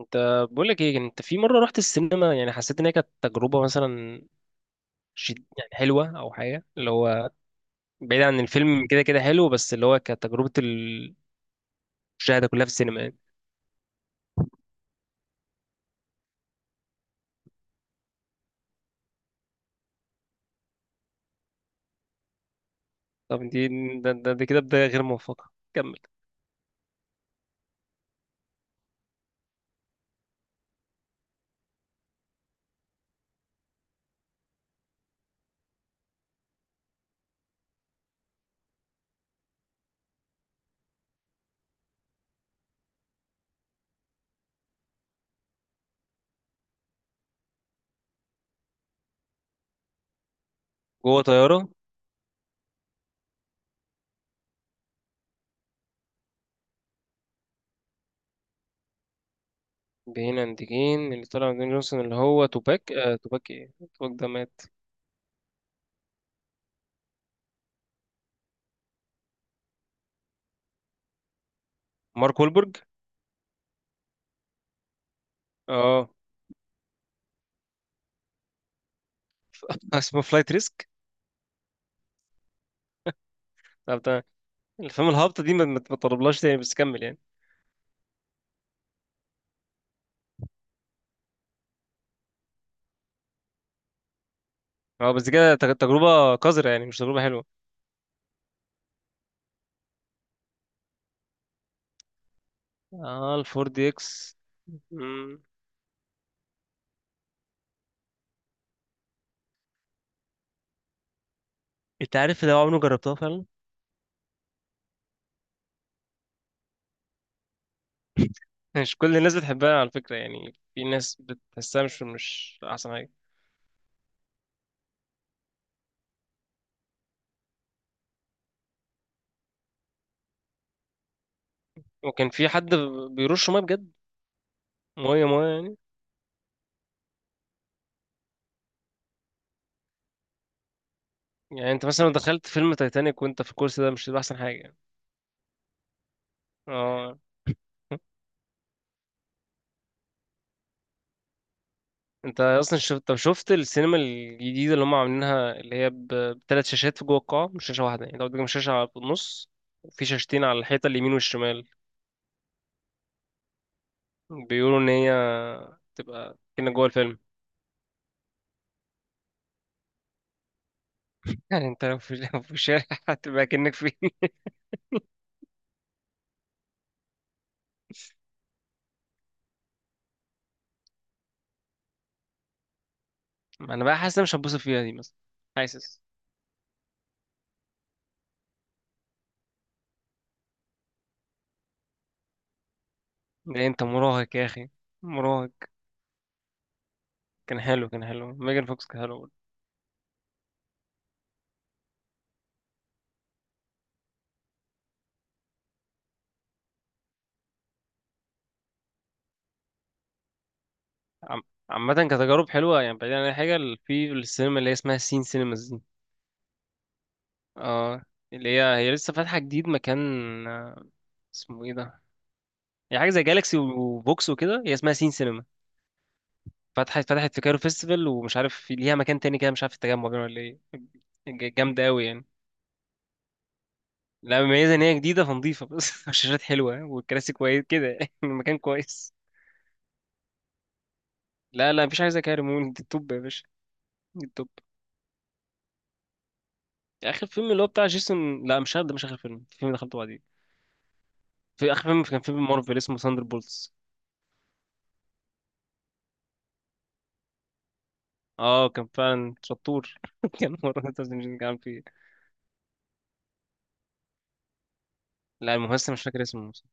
انت بقول لك ايه؟ انت في مره رحت السينما يعني حسيت ان هي كانت تجربه مثلا شد يعني حلوه او حاجه اللي هو بعيد عن الفيلم؟ كده كده حلو، بس اللي هو كانت تجربه المشاهده كلها في السينما يعني. طب دي ده كده بدايه غير موفقه، كمل. جوه طياره. بين انديكين اللي طلع دين جونسون اللي هو توباك، آه توباك ايه، توباك ده مات؟ مارك وولبرج. اه. اسمه فلايت ريسك. طب ده الفيلم الهابطه دي ما تطلبلهاش تاني، بس كمل يعني. اه بس كده تجربه قذره يعني، مش تجربه حلوه. اه الفور دي اكس. مم. انت عارف لو عمري ما جربتها فعلا. مش كل الناس بتحبها على فكرة يعني، في ناس بتحسها مش أحسن حاجة. وكان في حد بيرش مية بجد؟ مية مية يعني. يعني أنت مثلا لو دخلت فيلم تايتانيك وأنت في الكرسي ده، مش هيبقى أحسن حاجة يعني؟ اه. أنت أصلا شفت؟ طب شفت السينما الجديدة اللي هم عاملينها اللي هي بتلات شاشات في جوه القاعة؟ مش شاشة واحدة، يعني لو قدامك شاشة في النص، وفي شاشتين على الحيطة اليمين والشمال. بيقولوا إن هي تبقى كأنك جوه الفيلم. يعني انت لو في لو في الشارع هتبقى كأنك فين؟ ما انا بقى حاسس إن أنا مش هتبسط فيها دي مثلا. حاسس. ده انت مراهق يا اخي، مراهق. كان حلو، كان حلو. ميجان فوكس كان حلو برضه. عم- عامة كتجارب حلوة يعني، بعيدا عن أي حاجة في السينما اللي هي اسمها سين سينماز دي. اه. اللي هي هي لسه فاتحة جديد مكان، آه، اسمه ايه ده؟ هي حاجة زي جالاكسي وبوكس وكده، هي اسمها سين سينما. فتحت في كايرو فيستيفال، ومش عارف ليها مكان تاني كده، مش عارف في التجمع باين ولا ايه. جامدة أوي يعني. لا مميزة ان هي جديدة فنضيفة، بس الشاشات حلوة والكراسي كويس كده يعني، المكان كويس. لا لا مفيش حاجة زي كده، ريمون دي التوب يا باشا. دي التوب. اخر فيلم اللي هو بتاع جيسون، لا مش ده مش اخر فيلم، في فيلم دخلته بعدين، في اخر فيلم كان فيلم مارفل اسمه ثاندر بولتس. اه كان فعلا شطور. كان مرة انت مش كان فيه إيه. لا الممثل مش فاكر اسمه بصراحة.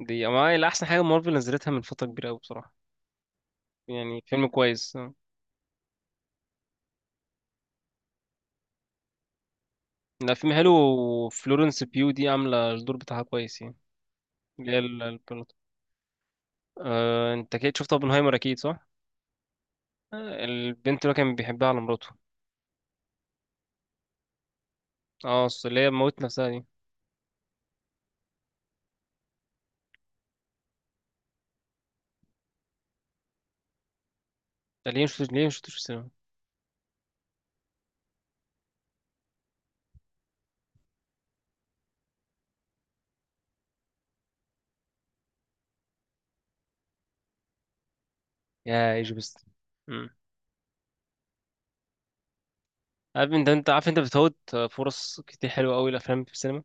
دي أما هي احسن حاجة مارفل نزلتها من فترة كبيرة قوي بصراحة. يعني فيلم كويس، آه. لا فيلم حلو، وفلورنس بيو دي عاملة الدور بتاعها كويس يعني. اللي هي، أه، انت اكيد شفت اوبنهايمر اكيد صح؟ آه، البنت اللي هو كان بيحبها على مراته. اه أصل اللي هي موت نفسها دي. ده ليه مش، ليه مش شفتوش في السينما؟ يا ايجي بس. مم. عارف انت عارف انت بتفوت فرص كتير حلوه قوي الافلام في السينما؟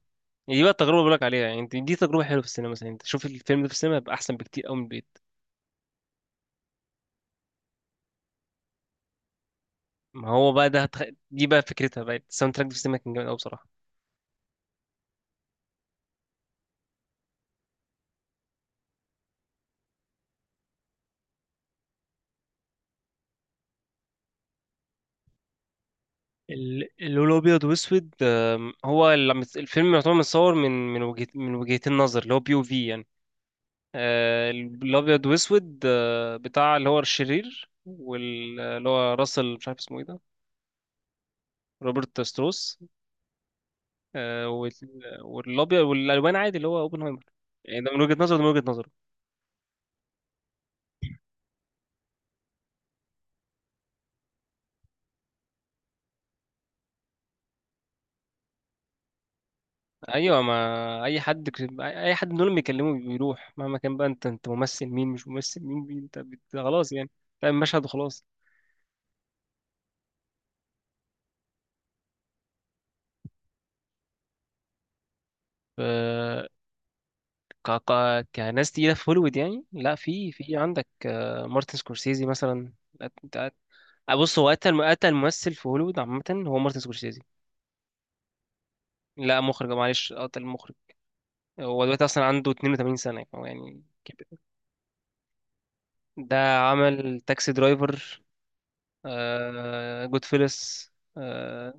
يعني دي بقى التجربه اللي بقولك عليها يعني دي تجربه حلوه في السينما، مثلا انت شوف الفيلم ده في السينما يبقى احسن بكتير قوي من البيت. ما هو بقى ده دي بقى فكرتها بقى، الساوند تراك في السينما كان جامد قوي بصراحه. اللون الابيض واسود، آم، هو اللي الفيلم يعتبر متصور من، من وجهة من وجهتين نظر، اللي هو بي او في. آه، الابيض واسود، آه، بتاع اللي هو الشرير واللي هو راسل، مش عارف اسمه ايه ده. روبرت ستروس. آه، والابيض والالوان عادي اللي هو اوبنهايمر. يعني ده من وجهة نظره، ده من وجهة نظره. ايوه، ما اي حد من دول بيكلمه بيروح مهما كان، بقى انت انت ممثل مين مش ممثل مين، مين انت خلاص يعني تعمل مشهد وخلاص. ف، كناس تقيلة في هوليوود يعني، لا في عندك آه، مارتن سكورسيزي مثلا. آه، بص هو قتل ممثل في هوليوود عامة هو مارتن سكورسيزي. لا مخرج، معلش، آه، قتل مخرج. هو دلوقتي أصلا عنده 82 سنة يعني، هو يعني كبر. ده عمل تاكسي درايفر، آه جود فيلس، آه.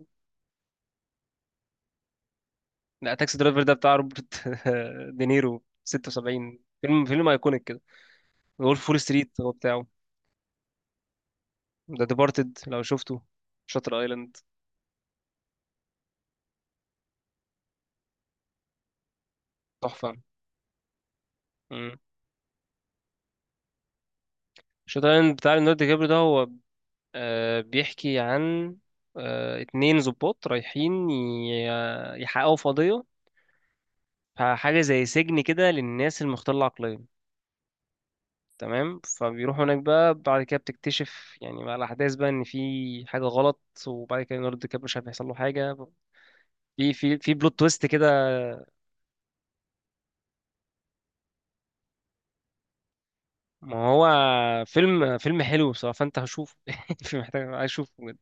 لا تاكسي درايفر ده بتاع روبرت دينيرو، 76، فيلم فيلم أيكونيك كده. وولف فول ستريت هو بتاعه. ده ديبارتد لو شفته. شاتر ايلاند تحفة. شاتر ايلاند بتاع ليوناردو دي كابريو ده، هو آه، بيحكي عن آه، اتنين ضباط رايحين يحققوا في قضية. حاجة زي سجن كده للناس المختلة العقليا. تمام فبيروحوا هناك بقى، بعد كده بتكتشف يعني مع الأحداث بقى إن في حاجة غلط. وبعد كده ليوناردو دي كابريو مش عارف هيحصل له حاجة، في بلوت تويست كده. ما هو فيلم، فيلم حلو بصراحة، فأنت هشوفه. في، محتاج، عايز أشوفه بجد.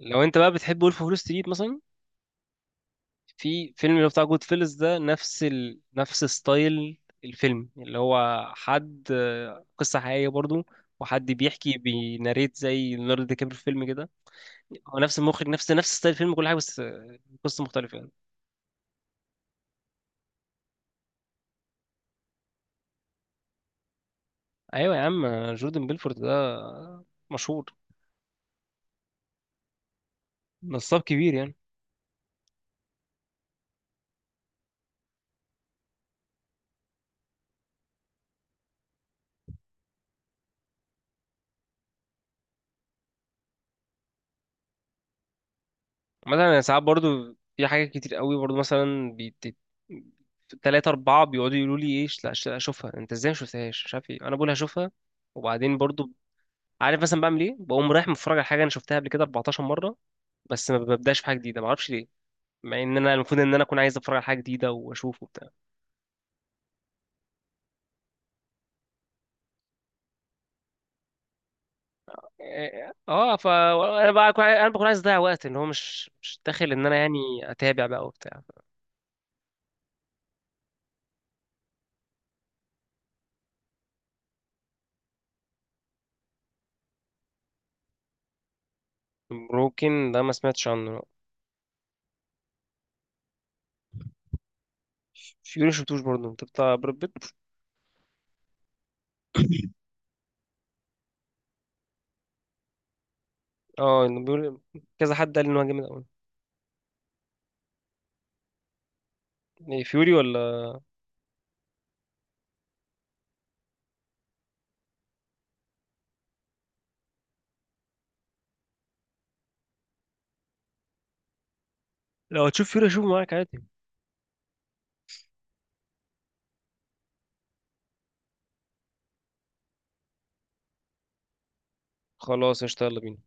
لو أنت بقى بتحب وولف أوف وول ستريت مثلا، في فيلم اللي هو بتاع جود فيلز ده، نفس نفس ستايل الفيلم، اللي هو حد آه، قصة حقيقية برضو، وحد بيحكي بيناريت زي ليوناردو دي كابريو في فيلم كده. هو نفس المخرج، نفس ستايل الفيلم، كل حاجة، بس آه، قصة مختلفة يعني. ايوه يا عم، آه، جوردن بيلفورد ده، آه، مشهور، نصاب كبير يعني. مثلا أنا ساعات برضو في حاجات كتير قوي برضو مثلا، تلاتة أربعة بيقعدوا يقولوا لي إيه، لا لا أشوفها، أنت إزاي مشفتهاش مش عارف إيه، أنا بقول هشوفها وبعدين برضو عارف مثلا بعمل ايه؟ بقوم رايح متفرج على حاجه انا شفتها قبل كده 14 مره. بس ما ببداش في حاجه جديده، ما اعرفش ليه، مع ان انا المفروض ان انا اكون عايز اتفرج على حاجه جديده واشوف وبتاع. اه آه، ف انا بقى أكون- انا بكون عايز اضيع وقت، ان هو مش داخل ان انا يعني اتابع بقى وبتاع. بروكن ده ما سمعتش عنه. فيوري شفتوش برضه، انت بتاع براد بيت. اه إنه بيقول، كذا حد قال ان هو جامد قوي. إيه، فيوري ولا؟ لو هتشوف فيوري اشوفه معاك عادي. خلاص قشطة، يلا بينا.